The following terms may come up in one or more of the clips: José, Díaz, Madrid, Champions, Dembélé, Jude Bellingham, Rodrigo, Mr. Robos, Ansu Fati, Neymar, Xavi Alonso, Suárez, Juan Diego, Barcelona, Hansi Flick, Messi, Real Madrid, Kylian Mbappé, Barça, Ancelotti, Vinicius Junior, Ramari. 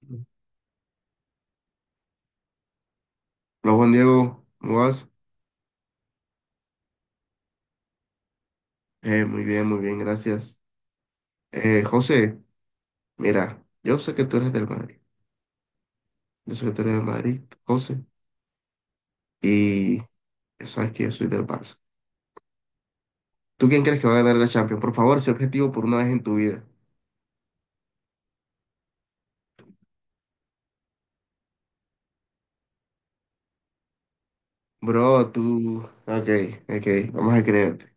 Hola Juan Diego, ¿cómo vas? Muy bien, muy bien, gracias. José, mira, yo sé que tú eres del Madrid, José, y ya sabes que yo soy del Barça. ¿Tú quién crees que va a ganar la Champions? Por favor, sé objetivo por una vez en tu vida. Bro, tú, ok, ok, vamos a creerte.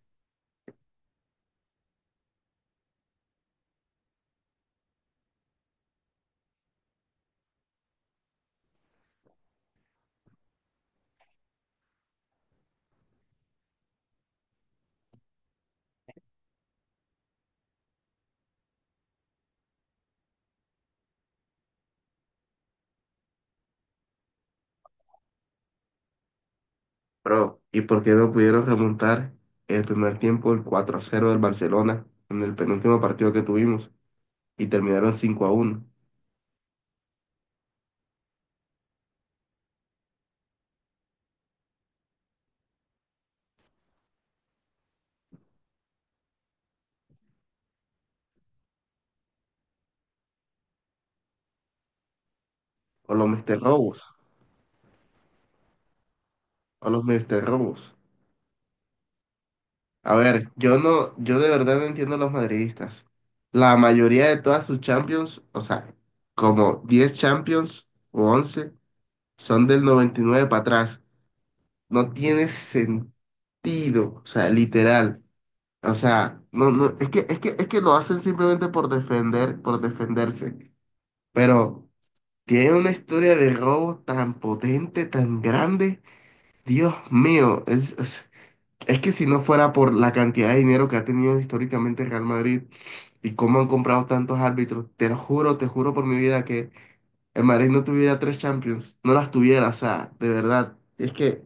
Bro, ¿y por qué no pudieron remontar el primer tiempo, el 4-0 del Barcelona, en el penúltimo partido que tuvimos, y terminaron 5-1? O los Mr. Robos, o los Mr. Robos. A ver, yo de verdad no entiendo a los madridistas. La mayoría de todas sus Champions, o sea, como 10 Champions o 11, son del 99 para atrás. No tiene sentido, o sea, literal. O sea, no, no, es que lo hacen simplemente por defender, por defenderse. Pero tiene una historia de robo tan potente, tan grande. Dios mío, es que si no fuera por la cantidad de dinero que ha tenido históricamente el Real Madrid y cómo han comprado tantos árbitros, te lo juro, te juro por mi vida que el Madrid no tuviera tres Champions, no las tuviera, o sea, de verdad. Es que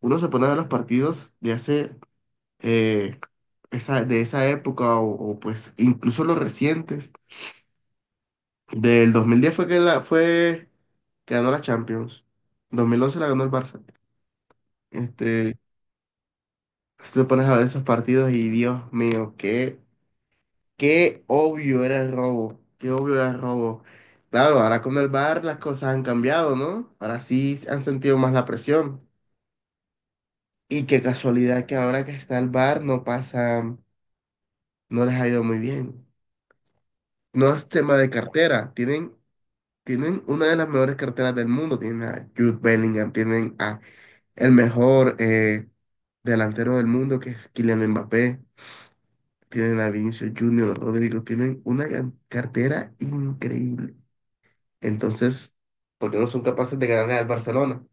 uno se pone a ver los partidos de hace, eh, de esa época pues incluso los recientes. Del 2010 fue que, fue que ganó la Champions, 2011 la ganó el Barça. Este, si te pones a ver esos partidos y Dios mío, qué. Qué obvio era el robo, qué obvio era el robo. Claro, ahora con el bar las cosas han cambiado, ¿no? Ahora sí han sentido más la presión. Y qué casualidad que ahora que está el bar no pasa, no les ha ido muy bien. No es tema de cartera, tienen una de las mejores carteras del mundo, tienen a Jude Bellingham, tienen a el mejor delantero del mundo que es Kylian Mbappé, tienen a Vinicius Junior, Rodrigo, tienen una gran cartera increíble. Entonces, ¿por qué no son capaces de ganarle al Barcelona?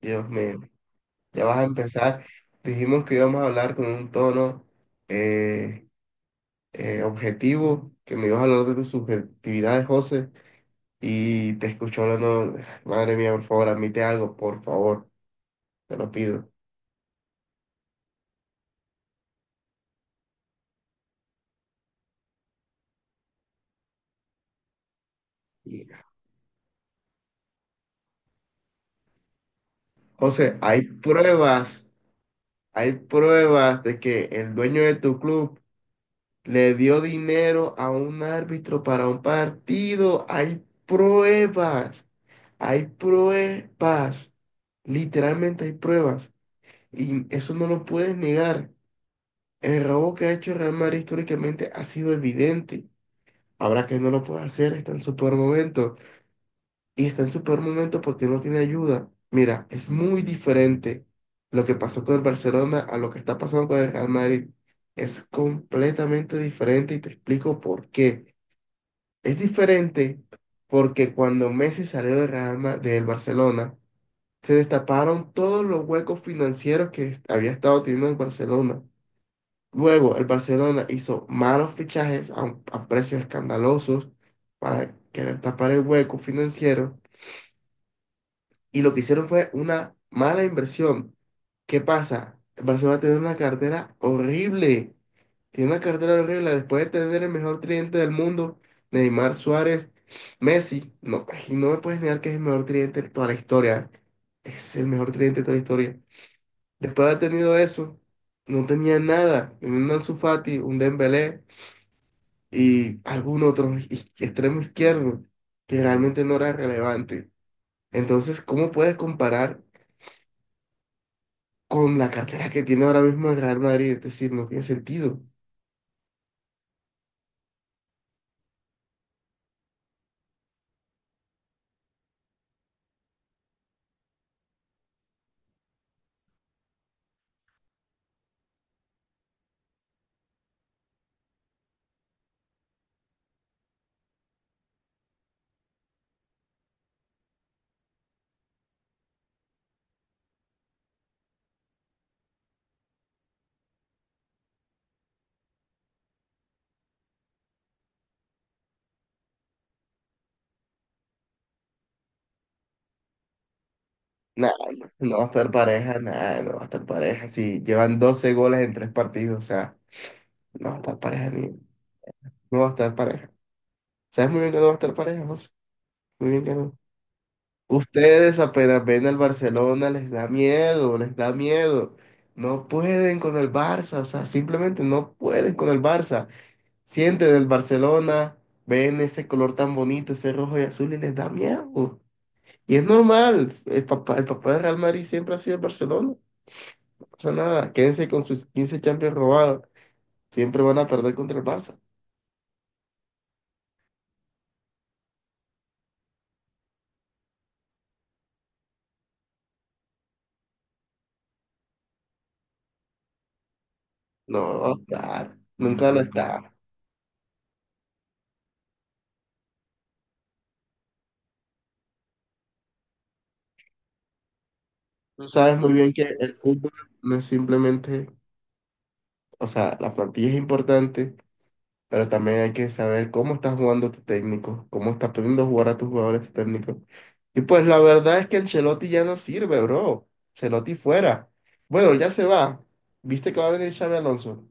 Dios mío, ya vas a empezar. Dijimos que íbamos a hablar con un tono eh, objetivo, que me ibas a hablar de tus subjetividades, José, y te escucho hablando, madre mía, por favor, admite algo, por favor, te lo pido. Y, José, hay pruebas de que el dueño de tu club le dio dinero a un árbitro para un partido. Hay pruebas. Hay pruebas. Literalmente hay pruebas. Y eso no lo puedes negar. El robo que ha hecho el Real Madrid históricamente ha sido evidente. Ahora que no lo puede hacer, está en su peor momento. Y está en su peor momento porque no tiene ayuda. Mira, es muy diferente lo que pasó con el Barcelona a lo que está pasando con el Real Madrid. Es completamente diferente y te explico por qué. Es diferente porque cuando Messi salió del del Barcelona, se destaparon todos los huecos financieros que había estado teniendo el Barcelona. Luego, el Barcelona hizo malos fichajes a precios escandalosos para querer tapar el hueco financiero y lo que hicieron fue una mala inversión. ¿Qué pasa? Barcelona tiene una cartera horrible. Tiene una cartera horrible. Después de tener el mejor tridente del mundo, Neymar Suárez, Messi, no, y no me puedes negar que es el mejor tridente de toda la historia. Es el mejor tridente de toda la historia. Después de haber tenido eso, no tenía nada. Un Ansu Fati, un Dembélé y algún otro extremo izquierdo que realmente no era relevante. Entonces, ¿cómo puedes comparar con la cartera que tiene ahora mismo el Real Madrid, es decir, no tiene sentido. Nada, no, no va a estar pareja, nada, no va a estar pareja. Si llevan 12 goles en tres partidos, o sea, no va a estar pareja ni, no va a estar pareja. ¿Sabes muy bien que no va a estar pareja, José? Muy bien que no. Ustedes apenas ven al Barcelona, les da miedo, les da miedo. No pueden con el Barça, o sea, simplemente no pueden con el Barça. Sienten el Barcelona, ven ese color tan bonito, ese rojo y azul y les da miedo. Y es normal, el papá de Real Madrid siempre ha sido el Barcelona. No pasa nada, quédense con sus 15 Champions robados. Siempre van a perder contra el Barça. No va a estar, nunca lo está. Tú sabes muy bien que el fútbol no es simplemente, o sea, la plantilla es importante, pero también hay que saber cómo está jugando tu técnico, cómo está pidiendo jugar a tus jugadores tu técnico. Y pues la verdad es que Ancelotti ya no sirve, bro. Ancelotti fuera. Bueno, ya se va. ¿Viste que va a venir Xavi Alonso?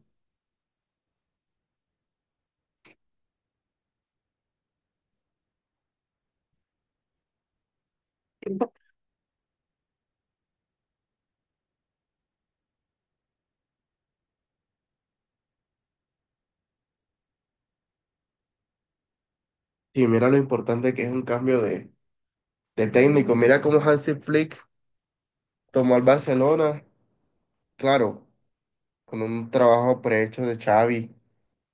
Y mira lo importante que es un cambio de técnico. Mira cómo Hansi Flick tomó al Barcelona, claro, con un trabajo prehecho de Xavi.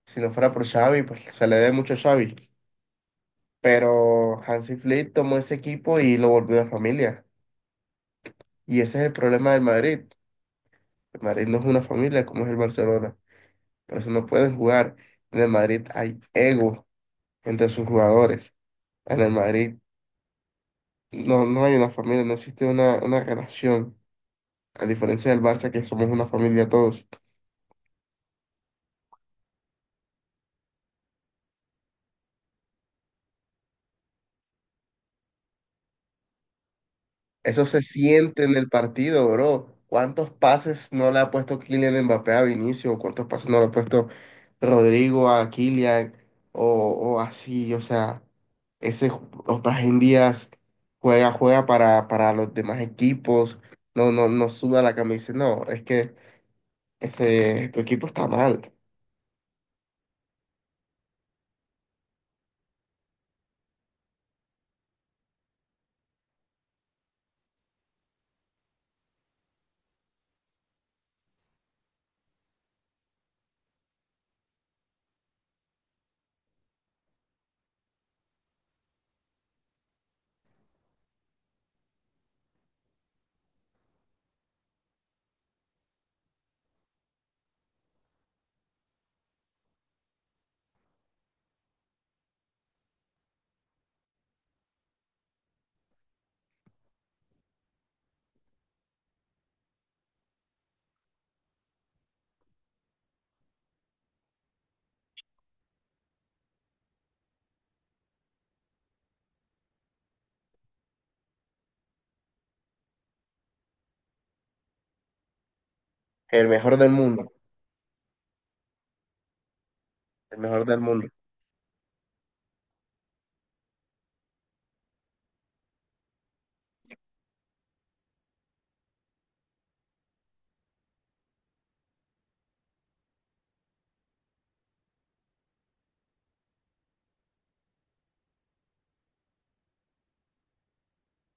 Si no fuera por Xavi, pues se le debe mucho a Xavi. Pero Hansi Flick tomó ese equipo y lo volvió una familia. Y ese es el problema del Madrid. El Madrid no es una familia como es el Barcelona. Por eso no pueden jugar. En el Madrid hay ego entre sus jugadores. En el Madrid no, no hay una familia, no existe una relación. A diferencia del Barça, que somos una familia todos. Eso se siente en el partido, bro. ¿Cuántos pases no le ha puesto Kylian Mbappé a Vinicius? ¿Cuántos pases no le ha puesto Rodrigo a Kylian? O, o así, o sea, ese en Díaz juega para los demás equipos. No, no, no suda la camisa. No, es que tu equipo está mal. El mejor del mundo. El mejor del mundo.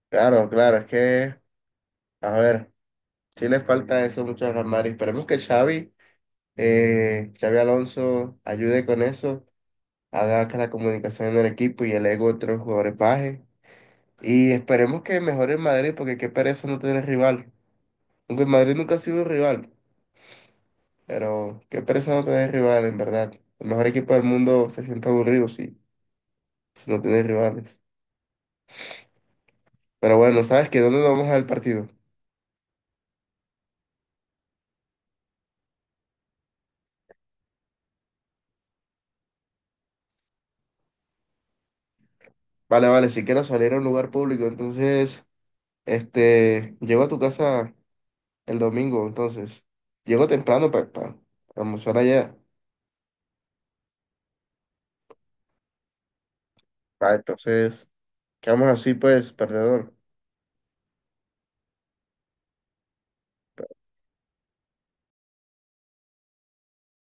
Claro, claro, es que, a ver. Sí le falta eso mucho a Ramari. Esperemos que Xavi Alonso ayude con eso, haga que la comunicación en el equipo y el ego de otros jugadores baje. Y esperemos que mejore el Madrid, porque qué pereza no tener rival. Aunque el Madrid nunca ha sido un rival, pero qué pereza no tener rival, en verdad. El mejor equipo del mundo se siente aburrido si no tiene rivales. Pero bueno, ¿sabes qué? ¿Dónde vamos al partido? Vale, vale, si quiero salir a un lugar público, entonces, llego a tu casa el domingo, entonces. Llego temprano para almorzar allá. Ah, entonces, quedamos así pues, perdedor.